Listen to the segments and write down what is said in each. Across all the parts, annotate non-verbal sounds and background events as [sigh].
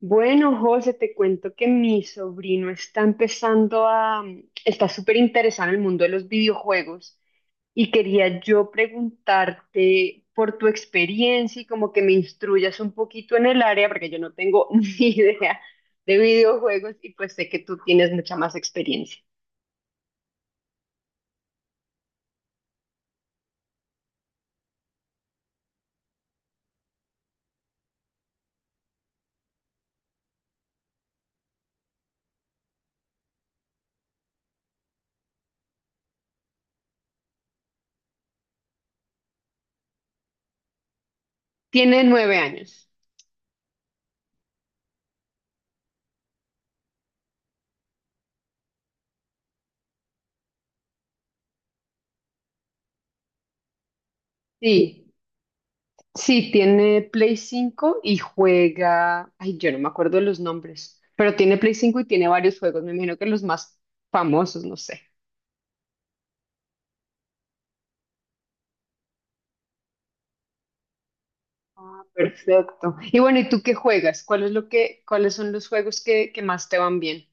Bueno, José, te cuento que mi sobrino está empezando a, está súper interesado en el mundo de los videojuegos y quería yo preguntarte por tu experiencia y como que me instruyas un poquito en el área porque yo no tengo [laughs] ni idea de videojuegos y pues sé que tú tienes mucha más experiencia. Tiene 9 años. Sí. Sí, tiene Play 5 y juega, ay, yo no me acuerdo de los nombres, pero tiene Play 5 y tiene varios juegos, me imagino que los más famosos, no sé. Perfecto. Y bueno, ¿y tú qué juegas? ¿Cuál es lo que, cuáles son los juegos que más te van bien?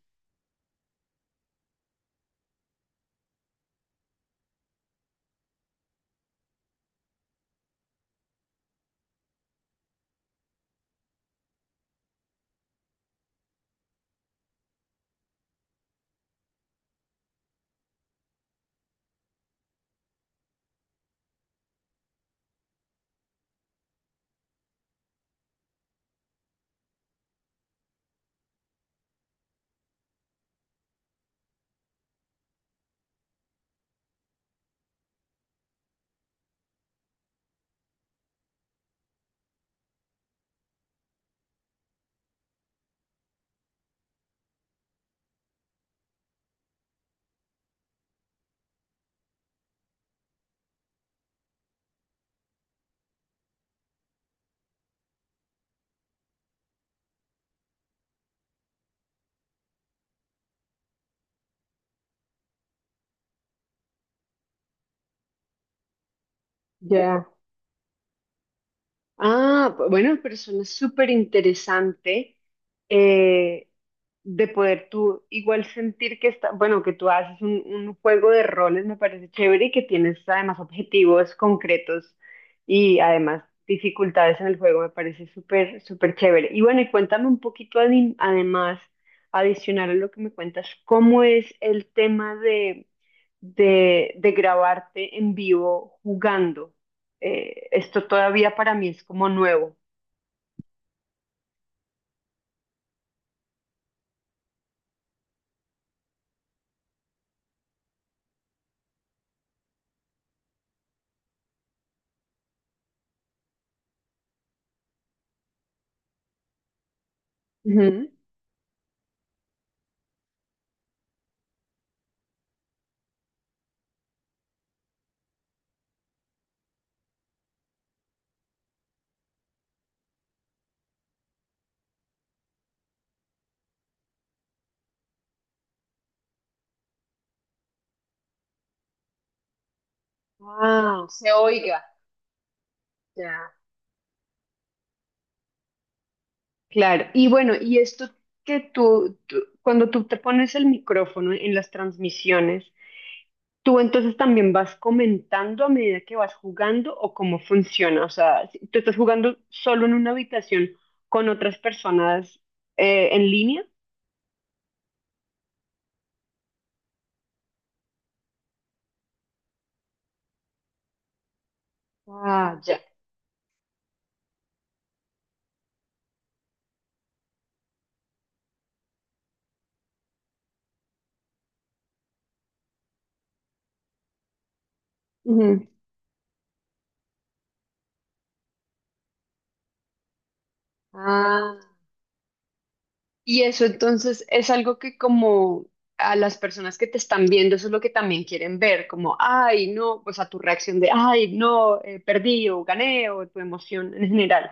Ya. Ah, bueno, pero suena súper interesante eh, de poder tú igual sentir que está, bueno, que tú haces un juego de roles, me parece chévere y que tienes además objetivos concretos y además dificultades en el juego, me parece súper, súper chévere. Y bueno, y cuéntame un poquito además, adicional a lo que me cuentas, ¿cómo es el tema de de grabarte en vivo jugando. Esto todavía para mí es como nuevo. Ujú. Ah, se oiga. Ya. Claro, y bueno, y esto que cuando tú te pones el micrófono en las transmisiones, tú entonces también vas comentando a medida que vas jugando o cómo funciona. O sea, si tú estás jugando solo en una habitación con otras personas en línea. Ah, ya. Ujú. Ah, y eso entonces es algo que como a las personas que te están viendo, eso es lo que también quieren ver, como, ay, no, pues a tu reacción de, ay, no, perdí o gané o tu emoción en general.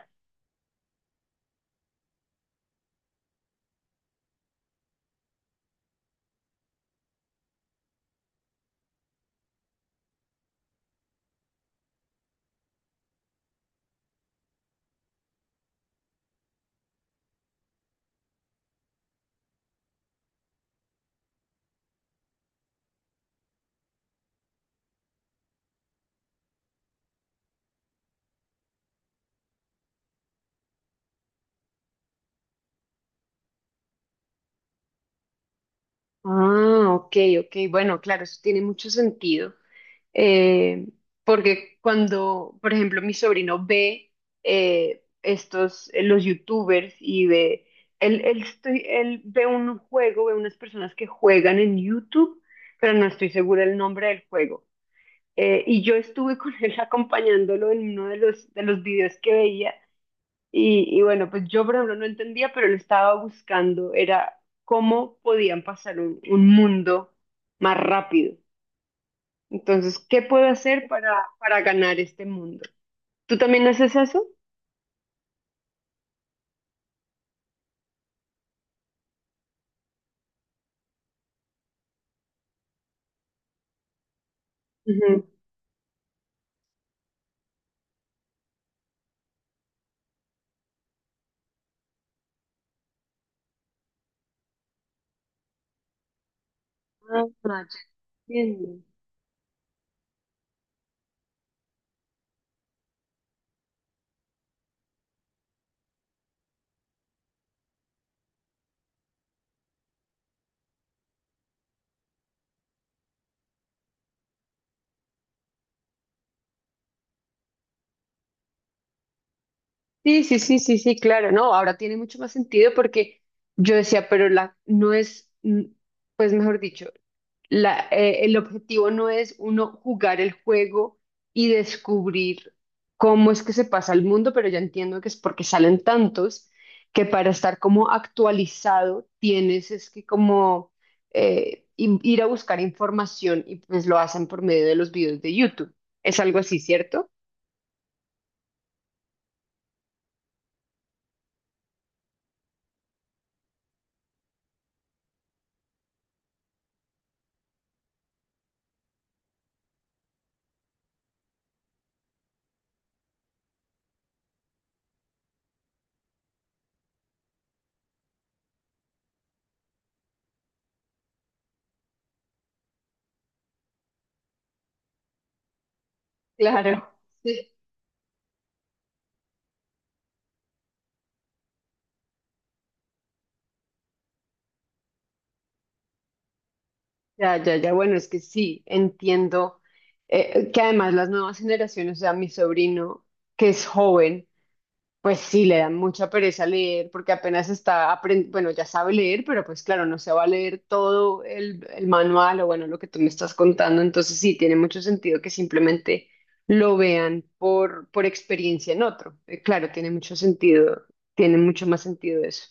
Ah, ok, ok, bueno, claro, eso tiene mucho sentido. Eh, Porque cuando, por ejemplo, mi sobrino ve estos, los youtubers y ve, él ve un juego, ve unas personas que juegan en YouTube pero no estoy segura el nombre del juego. Y yo estuve con él [laughs] acompañándolo en uno de los videos que veía. Y bueno, pues yo por ejemplo no entendía, pero lo estaba buscando, era cómo podían pasar un mundo más rápido. Entonces, ¿qué puedo hacer para ganar este mundo? ¿Tú también haces eso? Ujú. Ah, ya entiendo. Sí, sí, sí, sí, sí, claro, no, ahora tiene mucho más sentido porque yo decía, pero la no es, pues mejor dicho, el objetivo no es uno jugar el juego y descubrir cómo es que se pasa el mundo, pero ya entiendo que es porque salen tantos que para estar como actualizado tienes es que como ir a buscar información y pues lo hacen por medio de los videos de YouTube. Es algo así, ¿cierto? Claro, sí, ya, ya, ya, bueno, es que sí, entiendo que además las nuevas generaciones, o sea, mi sobrino, que es joven, pues sí, le da mucha pereza leer porque apenas está aprendiendo, bueno, ya sabe leer, pero pues claro, no se va a leer todo el manual o bueno, lo que tú me estás contando, entonces sí, tiene mucho sentido que simplemente lo vean por experiencia en otro. Claro, tiene mucho sentido, tiene mucho más sentido eso.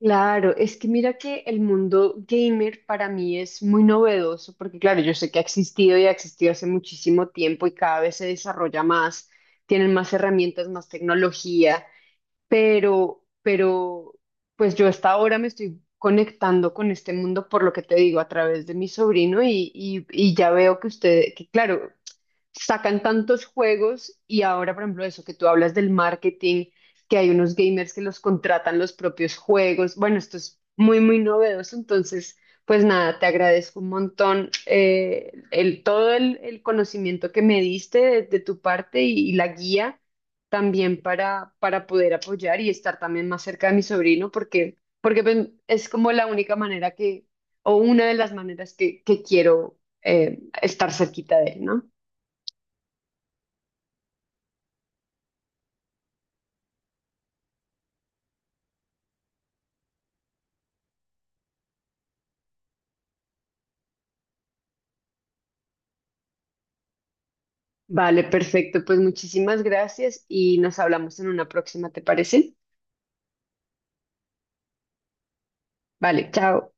Claro, es que mira que el mundo gamer para mí es muy novedoso, porque claro, yo sé que ha existido y ha existido hace muchísimo tiempo y cada vez se desarrolla más, tienen más herramientas, más tecnología, pero, pues yo hasta ahora me estoy conectando con este mundo por lo que te digo a través de mi sobrino y ya veo que usted, que claro sacan tantos juegos y ahora, por ejemplo, eso que tú hablas del marketing, que hay unos gamers que los contratan los propios juegos. Bueno, esto es muy, muy novedoso. Entonces, pues nada, te agradezco un montón todo el conocimiento que me diste de tu parte y la guía también para poder apoyar y estar también más cerca de mi sobrino, porque, porque pues, es como la única manera que, o una de las maneras que quiero estar cerquita de él, ¿no? Vale, perfecto. Pues muchísimas gracias y nos hablamos en una próxima, ¿te parece? Vale, chao.